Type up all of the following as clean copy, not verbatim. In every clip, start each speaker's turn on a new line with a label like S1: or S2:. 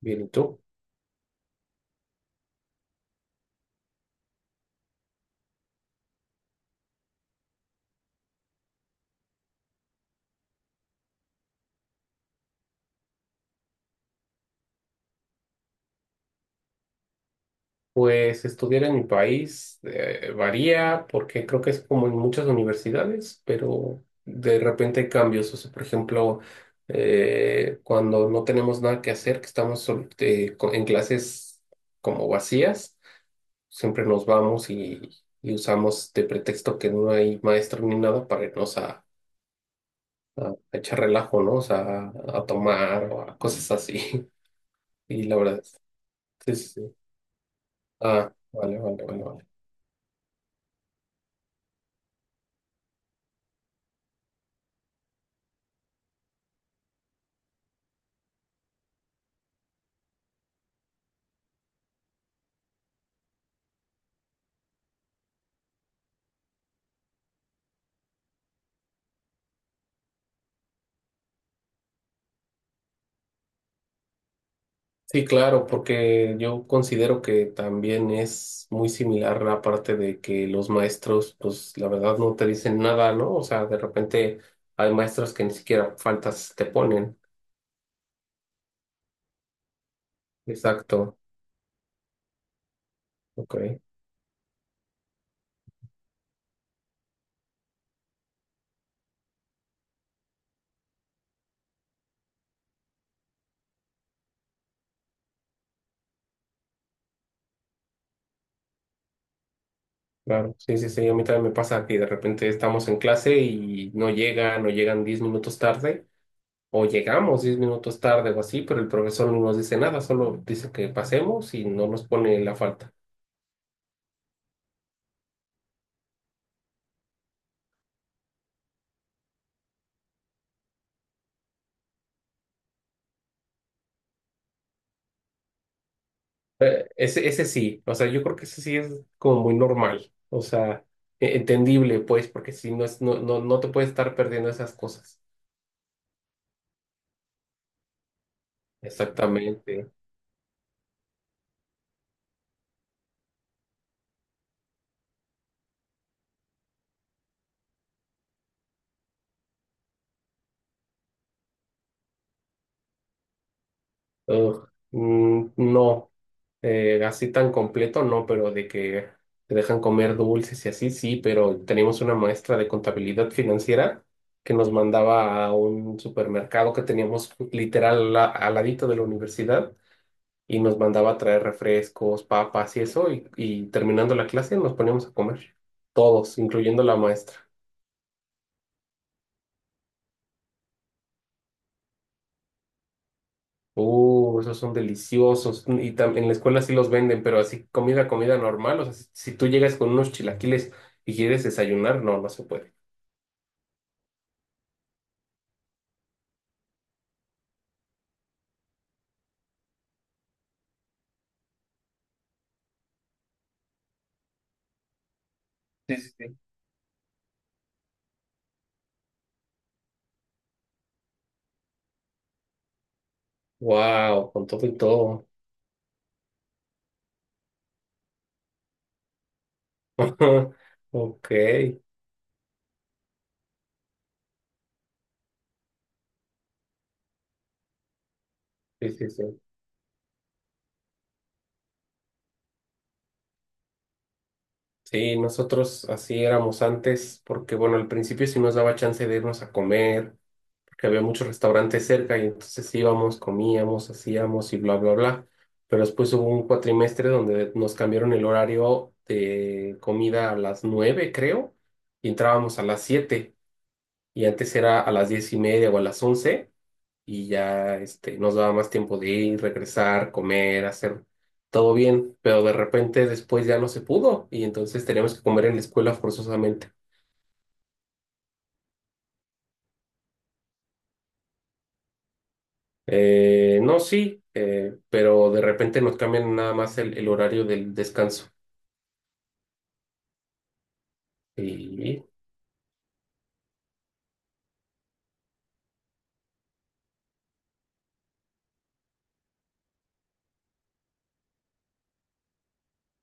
S1: Bien, ¿y tú? Pues estudiar en mi país varía porque creo que es como en muchas universidades, pero de repente hay cambios. O sea, por ejemplo, cuando no tenemos nada que hacer, que estamos en clases como vacías, siempre nos vamos y usamos de pretexto que no hay maestro ni nada para irnos a a echar relajo, ¿no? O sea, a tomar o a cosas así. Y la verdad, sí, sí, sí. Ah, vale, vale, vale. Vale. Sí, claro, porque yo considero que también es muy similar la parte de que los maestros, pues la verdad no te dicen nada, ¿no? O sea, de repente hay maestros que ni siquiera faltas te ponen. Exacto, ok, claro. Sí, sí, sí, a mí también me pasa que de repente estamos en clase y no llegan o llegan 10 minutos tarde o llegamos 10 minutos tarde o así, pero el profesor no nos dice nada, solo dice que pasemos y no nos pone la falta. Ese sí, o sea, yo creo que ese sí es como muy normal, o sea, entendible, pues, porque si no es, no, no, no te puedes estar perdiendo esas cosas. Exactamente. Ugh, mm, no, así tan completo, no, pero de que te dejan comer dulces y así, sí, pero teníamos una maestra de contabilidad financiera que nos mandaba a un supermercado que teníamos literal al ladito de la universidad y nos mandaba a traer refrescos, papas y eso, y terminando la clase nos poníamos a comer, todos, incluyendo la maestra. Esos son deliciosos. Y en la escuela sí los venden, pero así comida, comida normal. O sea, si tú llegas con unos chilaquiles y quieres desayunar, no, no se puede. Sí, sí, sí. Wow, con todo y todo. Ok, sí, sí, sí. Sí, nosotros así éramos antes, porque bueno, al principio sí nos daba chance de irnos a comer porque había muchos restaurantes cerca y entonces íbamos, comíamos, hacíamos y bla, bla, bla. Pero después hubo un cuatrimestre donde nos cambiaron el horario de comida a las 9, creo, y entrábamos a las 7. Y antes era a las 10:30 o a las 11, y ya nos daba más tiempo de ir, regresar, comer, hacer todo bien. Pero de repente después ya no se pudo, y entonces teníamos que comer en la escuela forzosamente. No, sí, pero de repente nos cambian nada más el horario del descanso. Sí.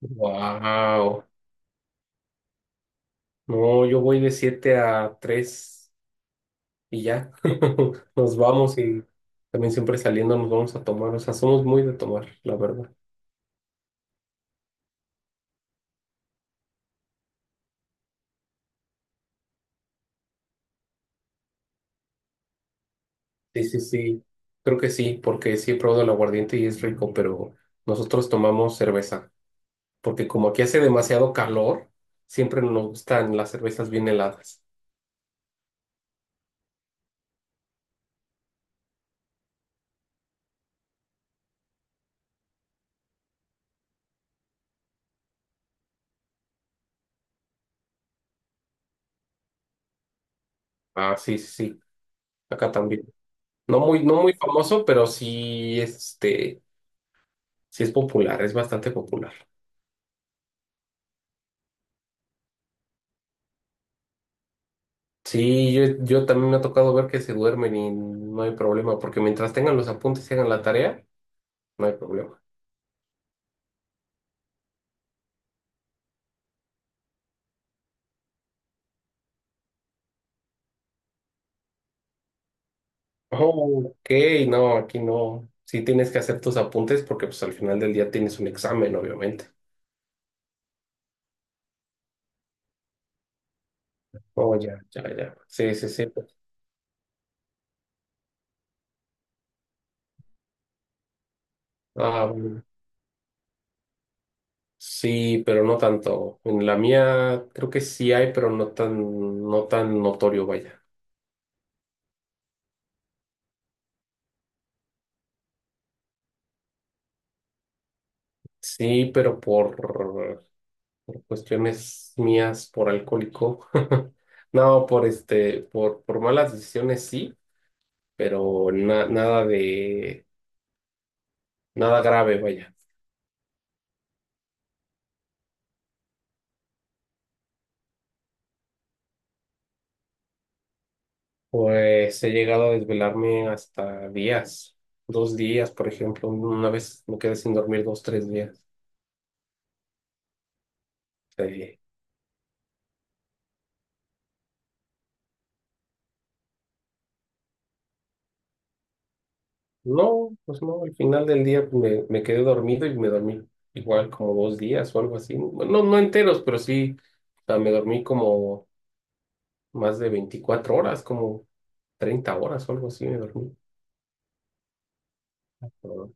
S1: Wow. No, yo voy de 7 a 3 y ya. Nos vamos y también siempre saliendo nos vamos a tomar. O sea, somos muy de tomar, la verdad. Sí, sí, sí. Creo que sí, porque sí he probado el aguardiente y es rico, pero nosotros tomamos cerveza, porque como aquí hace demasiado calor, siempre nos gustan las cervezas bien heladas. Ah, sí, sí, sí. Acá también. No muy famoso, pero sí, sí es popular, es bastante popular. Sí, yo también me ha tocado ver que se duermen y no hay problema, porque mientras tengan los apuntes y hagan la tarea, no hay problema. Oh, ok, no, aquí no. Sí tienes que hacer tus apuntes porque pues al final del día tienes un examen, obviamente. Oh, ya, ya, ya. Sí, sí, sí. Ah, bueno. Sí, pero no tanto. En la mía creo que sí hay, pero no tan notorio, vaya. Sí, pero por cuestiones mías, por alcohólico. No, por malas decisiones sí, pero nada de, nada grave, vaya. Pues he llegado a desvelarme hasta días, 2 días, por ejemplo. Una vez me quedé sin dormir 2, 3 días. Eh, no, pues no, al final del día me quedé dormido y me dormí igual como 2 días o algo así. Bueno, no, no enteros, pero sí, o sea, me dormí como más de 24 horas, como 30 horas o algo así me dormí. ¿No?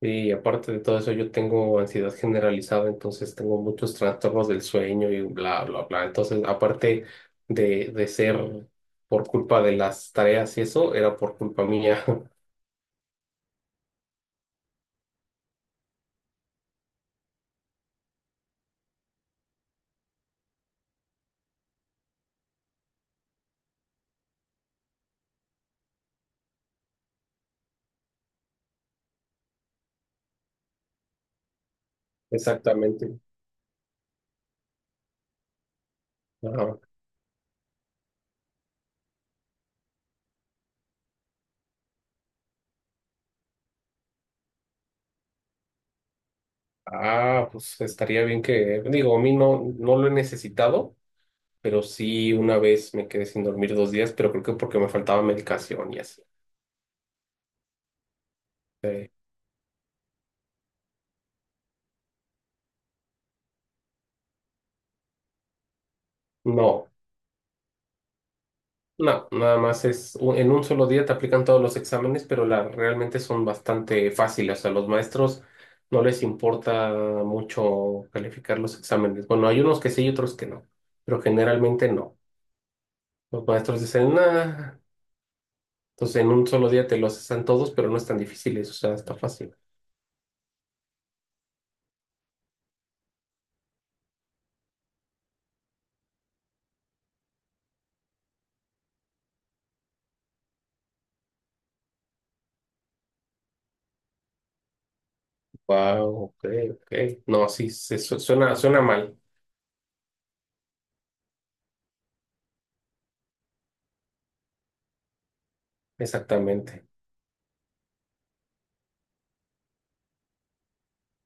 S1: Y aparte de todo eso, yo tengo ansiedad generalizada, entonces tengo muchos trastornos del sueño y bla, bla, bla. Entonces, aparte de ser por culpa de las tareas y eso, era por culpa mía. Exactamente. Ajá. Ah, pues estaría bien que, digo, a mí no, no lo he necesitado, pero sí una vez me quedé sin dormir 2 días, pero creo que porque me faltaba medicación y así. Eh, no. No, nada más es en un solo día te aplican todos los exámenes, pero la, realmente son bastante fáciles. O sea, los maestros no les importa mucho calificar los exámenes. Bueno, hay unos que sí y otros que no, pero generalmente no. Los maestros dicen, nada. Entonces, en un solo día te los hacen todos, pero no es tan difícil o sea, está fácil. Wow, ok, ok. No, sí, suena, suena mal. Exactamente.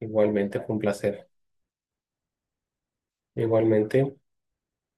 S1: Igualmente, fue un placer. Igualmente.